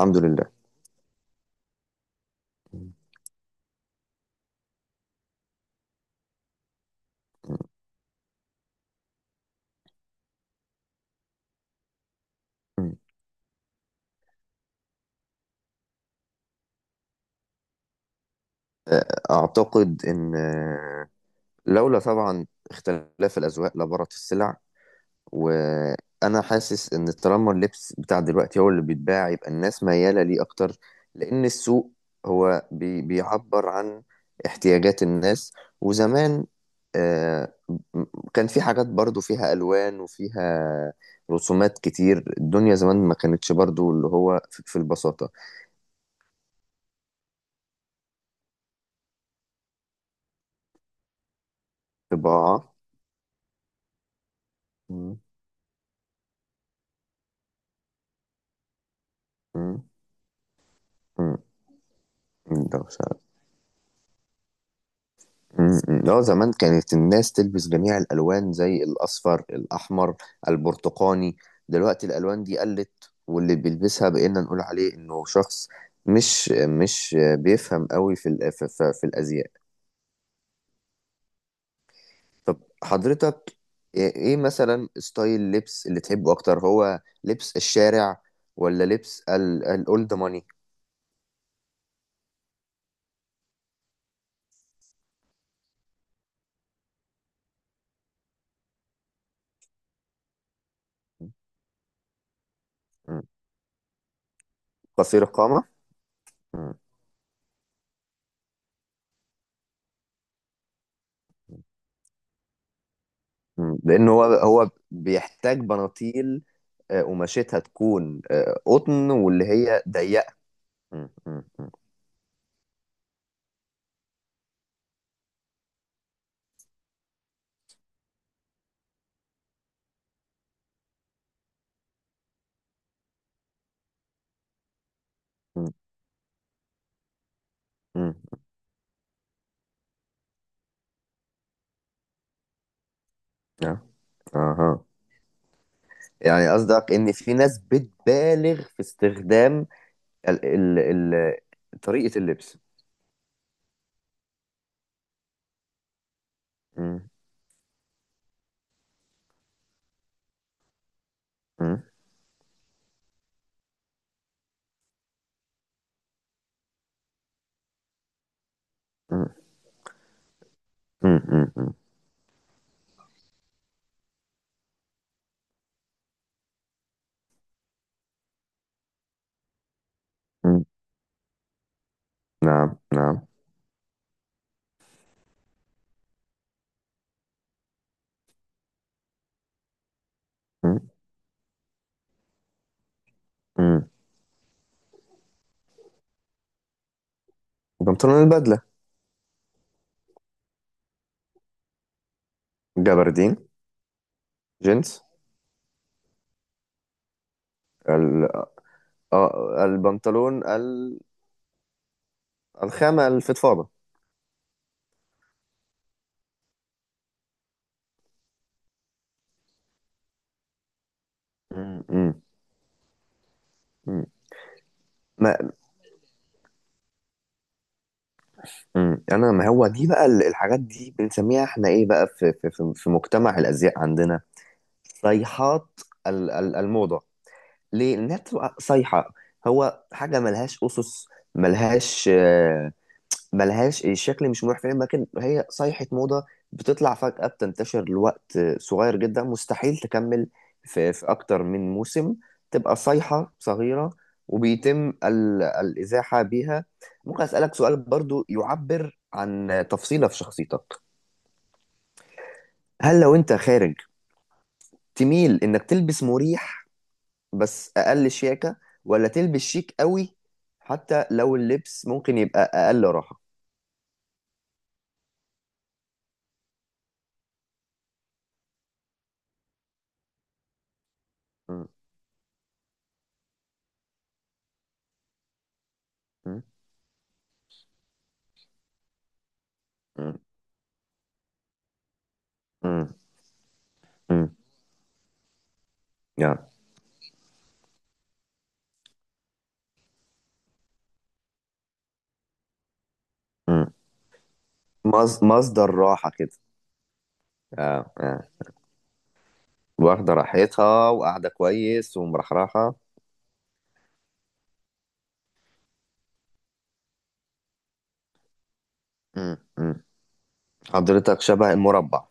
الحمد لله. مم. آه، أعتقد إن لولا طبعا اختلاف الأذواق لبارت السلع. وأنا حاسس إن طالما اللبس بتاع دلوقتي هو اللي بيتباع يبقى الناس ميالة ليه أكتر، لأن السوق هو بيعبر عن احتياجات الناس. وزمان آه، م- كان في حاجات برضو فيها ألوان وفيها رسومات كتير، الدنيا زمان ما كانتش برضو اللي هو في البساطة. طباعة. مم. مم. ده بصراحة. مم. اه، زمان كانت الناس تلبس جميع الألوان زي الأصفر، الأحمر، البرتقاني. دلوقتي الألوان دي قلت، واللي بيلبسها بقينا نقول عليه إنه شخص مش بيفهم قوي في في الأزياء. طب حضرتك إيه مثلا ستايل لبس اللي تحبه أكتر، هو لبس الشارع ولا لبس الأولد ماني؟ قصير القامة. مم. لأن هو بيحتاج بناطيل قماشتها تكون قطن واللي هي ضيقة. م- م- م- م- م. آه، اها، يعني قصدك ان في ناس بتبالغ في استخدام ال طريقة اللبس. م- م- م- م- م- م- م. نعم، نعم. م- م. البنطلون البدلة. جبردين. جينز. ال آه، البنطلون الخامة الفضفاضة. م- م- م. ما امم، انا ما هو دي بقى الحاجات دي بنسميها احنا ايه بقى في في مجتمع الازياء عندنا، صيحات الموضه. ليه؟ لانها بتبقى صيحه، هو حاجه ملهاش اسس، ملهاش ملهاش. الشكل مش مريح فعلا، لكن هي صيحة موضة بتطلع فجأة، بتنتشر لوقت صغير جدا، مستحيل تكمل في أكتر من موسم، تبقى صيحة صغيرة وبيتم الإزاحة بيها. ممكن أسألك سؤال برضو يعبر عن تفصيلة في شخصيتك؟ هل لو أنت خارج تميل إنك تلبس مريح بس أقل شياكة، ولا تلبس شيك قوي حتى لو اللبس ممكن يبقى أقل راحة؟ م- م- م- م- م. مم. مصدر راحة كده. اه، اه، واخدة راحتها وقاعدة كويس ومرحرحة. مم. مم. حضرتك شبه المربع.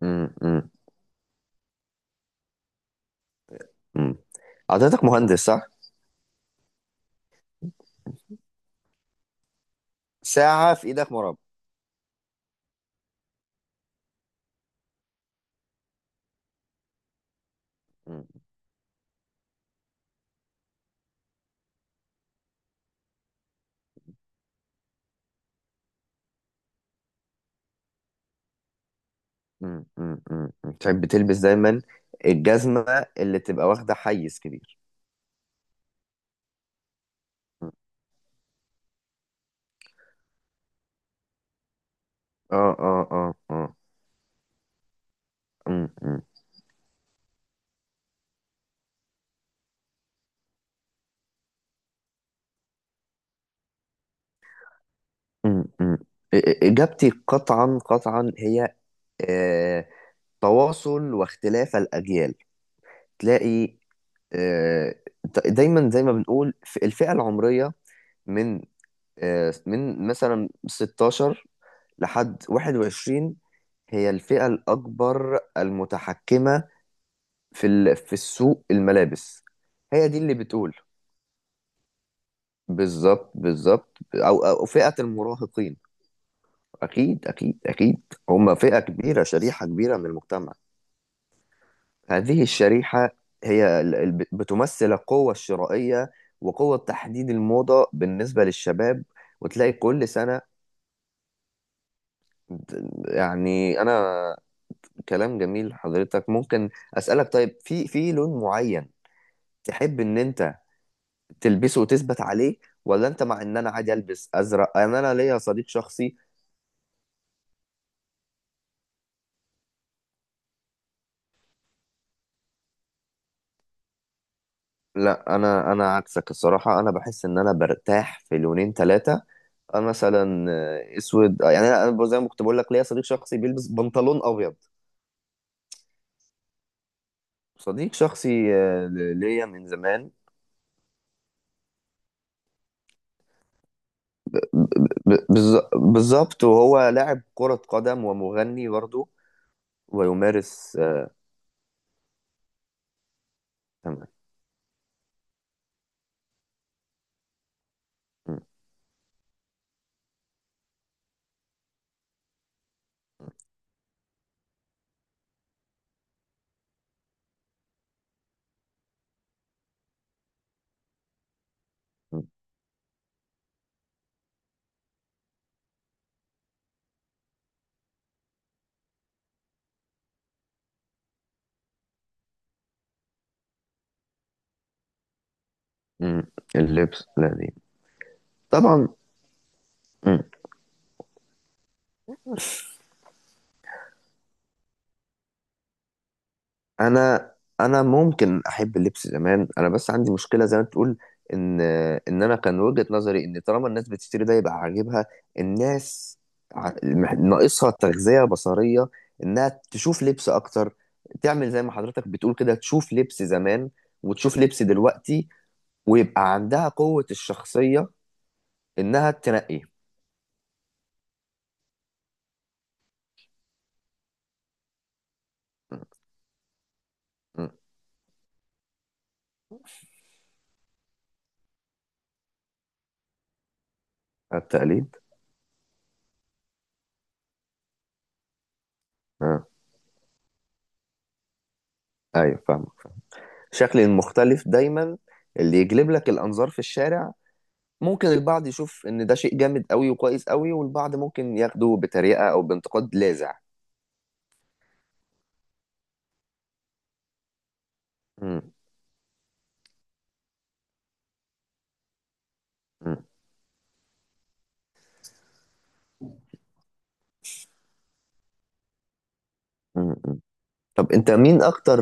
مم. مم. مم. حضرتك مهندس صح؟ ساعة في ايدك مربع. مم. مم. مم. مم. تحب تلبس دايما الجزمة اللي تبقى واخدة حيز كبير. مم. اه اه اه اه مم. مم. مم. مم. إ- إ- إجابتي قطعا قطعا هي آه تواصل واختلاف الأجيال. تلاقي آه، دايما زي ما بنقول في الفئة العمرية من من مثلا 16 لحد 21 هي الفئة الأكبر المتحكمة في في السوق الملابس. هي دي اللي بتقول. بالظبط بالظبط، أو فئة المراهقين. أكيد أكيد أكيد. هم فئة كبيرة، شريحة كبيرة من المجتمع. هذه الشريحة هي بتمثل القوة الشرائية وقوة تحديد الموضة بالنسبة للشباب. وتلاقي كل سنة، يعني أنا كلام جميل. حضرتك ممكن أسألك، طيب في لون معين تحب إن أنت تلبسه وتثبت عليه، ولا أنت مع إن أنا عادي ألبس أزرق؟ أنا ليا صديق شخصي. لا، أنا عكسك الصراحة. أنا بحس إن أنا برتاح في لونين ثلاثة. انا مثلا اسود يعني انا زي ما كنت بقول لك ليا صديق شخصي بيلبس بنطلون ابيض. صديق شخصي ليا من زمان. بالظبط. وهو لاعب كرة قدم ومغني برضه، ويمارس تمام. م- م- م. اللبس الذي طبعا. م. انا، ممكن احب اللبس زمان، انا بس عندي مشكله زي ما تقول ان انا كان وجهه نظري ان طالما الناس بتشتري ده يبقى عاجبها. الناس ناقصها تغذيه بصريه، انها تشوف لبس اكتر، تعمل زي ما حضرتك بتقول كده، تشوف لبس زمان وتشوف لبس دلوقتي، ويبقى عندها قوه الشخصيه انها تنقي. م. التقليد. اه، ايوه فاهم، شكل المختلف دايما اللي يجلب لك الانظار في الشارع. ممكن البعض يشوف ان ده شيء جامد قوي وكويس قوي، والبعض ممكن ياخده بطريقه او بانتقاد لاذع. مم. مم. مم. مم. طب انت مين اكتر،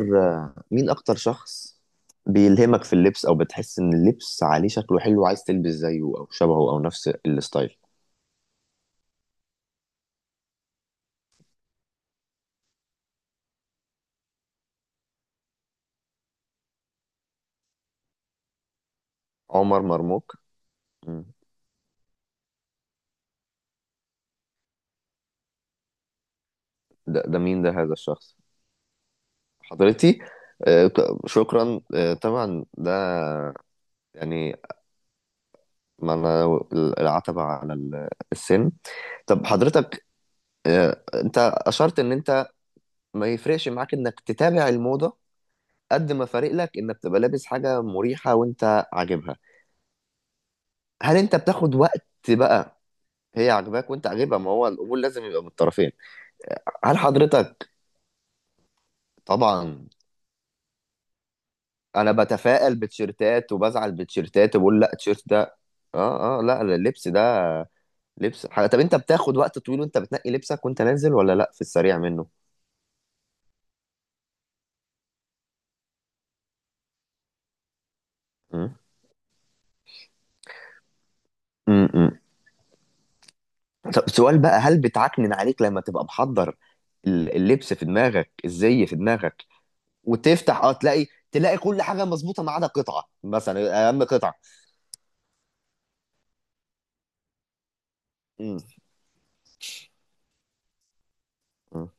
مين اكتر شخص بيلهمك في اللبس، او بتحس ان اللبس عليه شكله حلو وعايز تلبس زيه او شبهه او نفس الستايل؟ عمر مرموك. مم. ده مين ده، هذا الشخص؟ حضرتي؟ شكرا. طبعا ده يعني، ما انا العتبة على السن. طب حضرتك انت اشرت ان انت ما يفرقش معاك انك تتابع الموضة قد ما فارق لك انك تبقى لابس حاجة مريحة وانت عاجبها. هل انت بتاخد وقت بقى؟ هي عاجباك وانت عاجبها، ما هو القبول لازم يبقى من الطرفين. هل حضرتك طبعا انا بتفائل بتيشيرتات وبزعل بتيشيرتات وبقول لا التيشيرت ده، اه اه لا اللبس ده لبس حاجة. طب انت بتاخد وقت طويل وانت بتنقي لبسك وانت نازل، ولا لا، في السريع منه؟ مم. مم. مم. طب سؤال بقى، هل بتعكنن عليك لما تبقى محضر اللبس في دماغك، الزي في دماغك، وتفتح اه تلاقي كل حاجه مظبوطه ما عدا قطعه، مثلا اهم قطعه؟ مم. مم.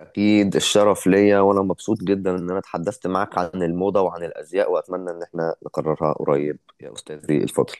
أكيد الشرف ليا، وأنا مبسوط جدا إن أنا اتحدثت معك عن الموضة وعن الأزياء، وأتمنى إن احنا نكررها قريب يا أستاذي الفاضل.